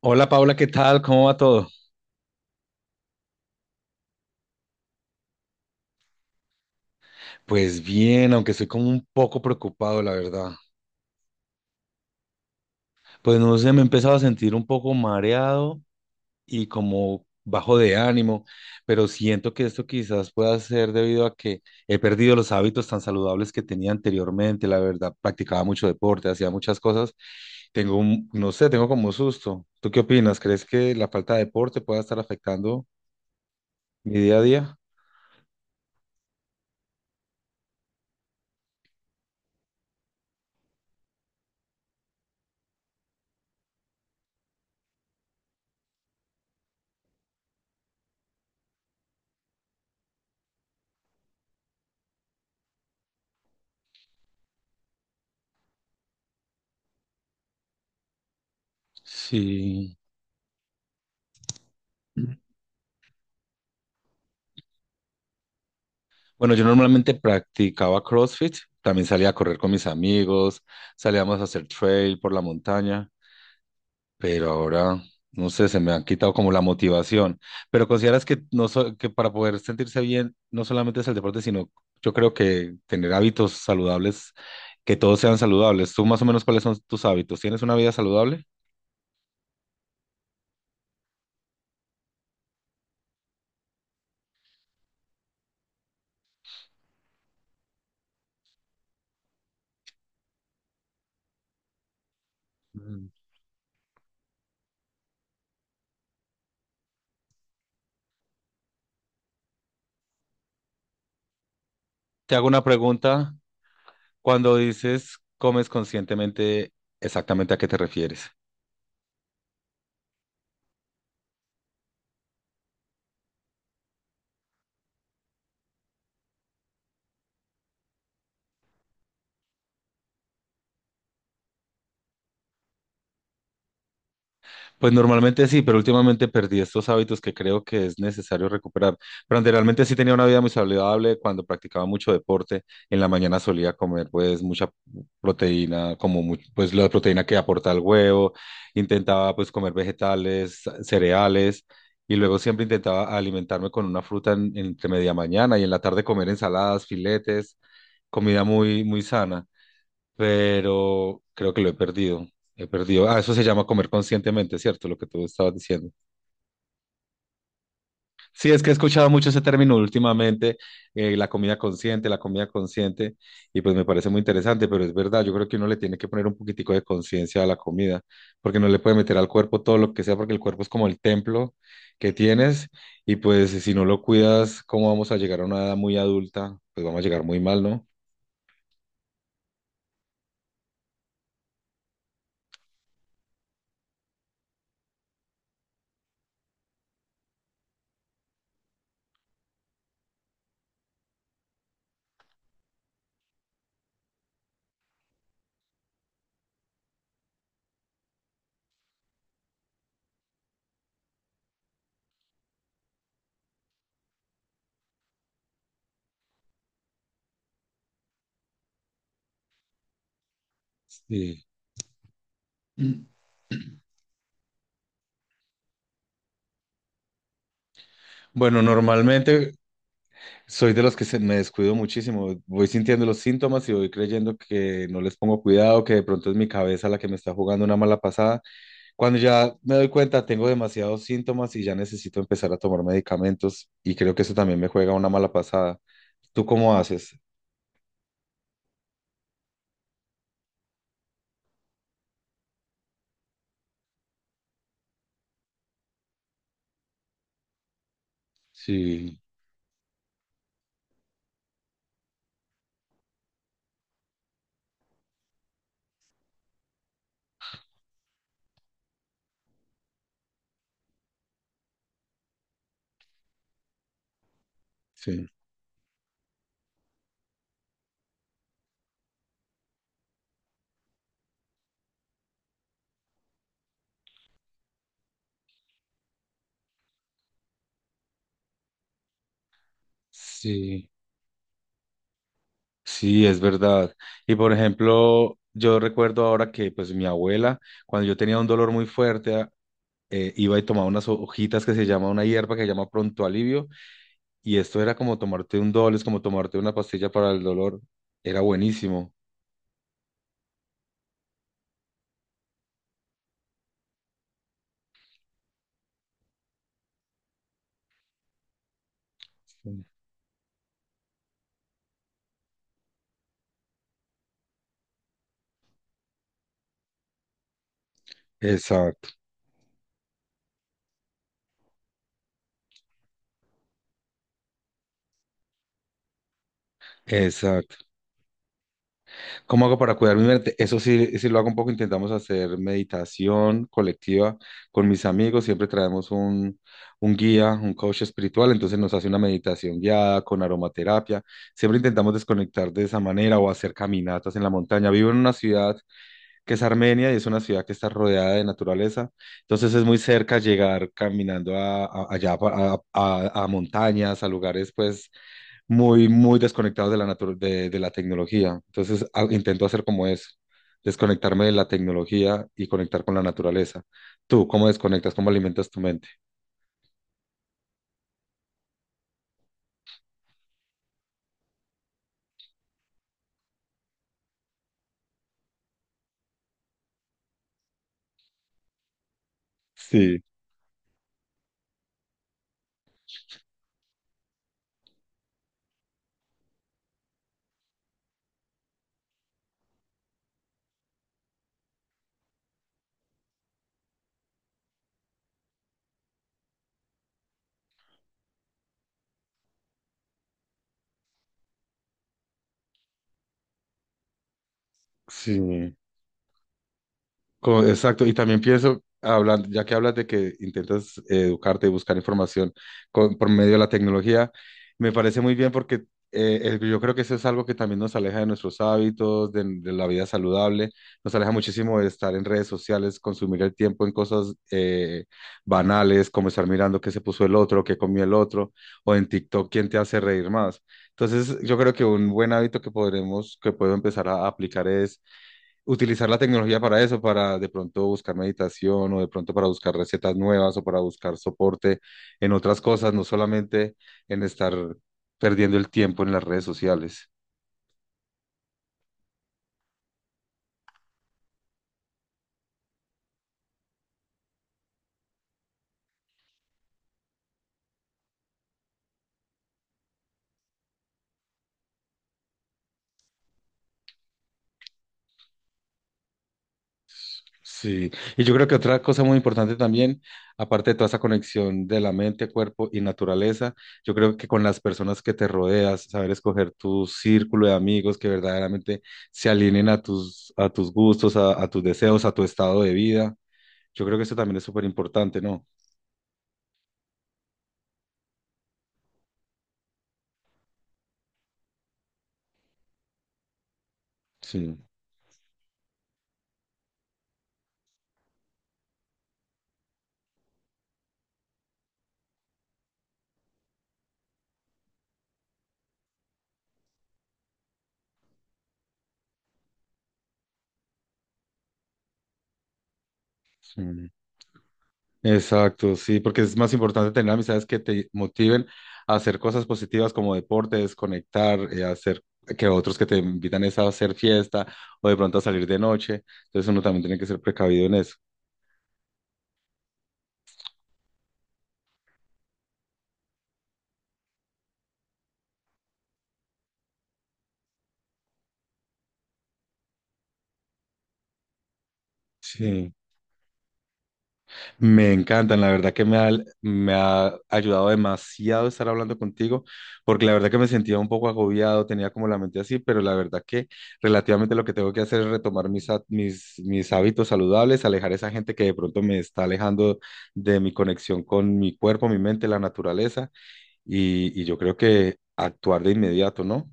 Hola Paula, ¿qué tal? ¿Cómo va todo? Pues bien, aunque estoy como un poco preocupado, la verdad. Pues no sé, me he empezado a sentir un poco mareado y como bajo de ánimo, pero siento que esto quizás pueda ser debido a que he perdido los hábitos tan saludables que tenía anteriormente, la verdad. Practicaba mucho deporte, hacía muchas cosas. Tengo un, no sé, tengo como un susto. ¿Tú qué opinas? ¿Crees que la falta de deporte pueda estar afectando mi día a día? Sí. Bueno, yo normalmente practicaba CrossFit, también salía a correr con mis amigos, salíamos a hacer trail por la montaña, pero ahora, no sé, se me han quitado como la motivación. Pero consideras que, no so- que para poder sentirse bien, no solamente es el deporte, sino yo creo que tener hábitos saludables, que todos sean saludables. ¿Tú más o menos cuáles son tus hábitos? ¿Tienes una vida saludable? Mm. Te hago una pregunta. Cuando dices comes conscientemente, ¿exactamente a qué te refieres? Pues normalmente sí, pero últimamente perdí estos hábitos que creo que es necesario recuperar. Pero anteriormente sí tenía una vida muy saludable cuando practicaba mucho deporte. En la mañana solía comer pues mucha proteína, pues la proteína que aporta el huevo. Intentaba pues comer vegetales, cereales y luego siempre intentaba alimentarme con una fruta entre media mañana y en la tarde comer ensaladas, filetes, comida muy muy sana pero creo que lo he perdido. He perdido. Ah, eso se llama comer conscientemente, ¿cierto? Lo que tú estabas diciendo. Sí, es que he escuchado mucho ese término últimamente, la comida consciente, y pues me parece muy interesante, pero es verdad, yo creo que uno le tiene que poner un poquitico de conciencia a la comida, porque no le puede meter al cuerpo todo lo que sea, porque el cuerpo es como el templo que tienes, y pues si no lo cuidas, ¿cómo vamos a llegar a una edad muy adulta? Pues vamos a llegar muy mal, ¿no? Sí. Bueno, normalmente soy de los me descuido muchísimo. Voy sintiendo los síntomas y voy creyendo que no les pongo cuidado, que de pronto es mi cabeza la que me está jugando una mala pasada. Cuando ya me doy cuenta, tengo demasiados síntomas y ya necesito empezar a tomar medicamentos y creo que eso también me juega una mala pasada. ¿Tú cómo haces? Sí, sí, sí, sí, es verdad. Y por ejemplo, yo recuerdo ahora que pues mi abuela, cuando yo tenía un dolor muy fuerte, iba y tomaba unas hojitas que se llama una hierba que se llama pronto alivio. Y esto era como tomarte un es como tomarte una pastilla para el dolor. Era buenísimo. Sí. Exacto, exacto. ¿Cómo hago para cuidar mi mente? Eso sí, sí lo hago un poco. Intentamos hacer meditación colectiva con mis amigos. Siempre traemos un guía, un coach espiritual. Entonces nos hace una meditación guiada con aromaterapia. Siempre intentamos desconectar de esa manera o hacer caminatas en la montaña. Vivo en una ciudad que es Armenia y es una ciudad que está rodeada de naturaleza. Entonces es muy cerca llegar caminando a- allá pa- a montañas, a lugares pues muy, muy desconectados de de la tecnología. Entonces intento hacer como eso, desconectarme de la tecnología y conectar con la naturaleza. ¿Tú cómo desconectas? ¿Cómo alimentas tu mente? Sí, sí. Exacto, y también pienso, hablando, ya que hablas de que intentas educarte y buscar información por medio de la tecnología, me parece muy bien porque yo creo que eso es algo que también nos aleja de nuestros hábitos, de la vida saludable, nos aleja muchísimo de estar en redes sociales, consumir el tiempo en cosas banales, como estar mirando qué se puso el otro, qué comió el otro, o en TikTok quién te hace reír más. Entonces, yo creo que un buen hábito que que puedo empezar a aplicar es utilizar la tecnología para eso, para de pronto buscar meditación o de pronto para buscar recetas nuevas o para buscar soporte en otras cosas, no solamente en estar perdiendo el tiempo en las redes sociales. Sí, y yo creo que otra cosa muy importante también, aparte de toda esa conexión de la mente, cuerpo y naturaleza, yo creo que con las personas que te rodeas, saber escoger tu círculo de amigos que verdaderamente se alineen a a tus gustos, a tus deseos, a tu estado de vida, yo creo que eso también es súper importante, ¿no? Sí, sí. Exacto, sí, porque es más importante tener amistades que te motiven a hacer cosas positivas como deporte, desconectar, hacer que otros que te invitan es a hacer fiesta o de pronto a salir de noche. Entonces uno también tiene que ser precavido en eso. Sí. Me encantan, la verdad que me ha ayudado demasiado estar hablando contigo, porque la verdad que me sentía un poco agobiado, tenía como la mente así, pero la verdad que relativamente lo que tengo que hacer es retomar mis hábitos saludables, alejar esa gente que de pronto me está alejando de mi conexión con mi cuerpo, mi mente, la naturaleza, y yo creo que actuar de inmediato, ¿no?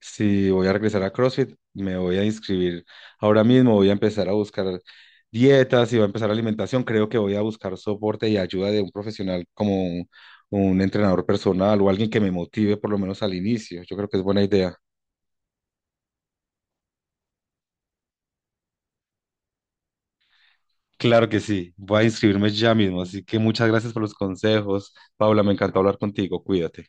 Si voy a regresar a CrossFit, me voy a inscribir. Ahora mismo voy a empezar a buscar dietas y voy a empezar alimentación. Creo que voy a buscar soporte y ayuda de un profesional como un entrenador personal o alguien que me motive por lo menos al inicio. Yo creo que es buena idea. Claro que sí, voy a inscribirme ya mismo. Así que muchas gracias por los consejos. Paula, me encantó hablar contigo. Cuídate.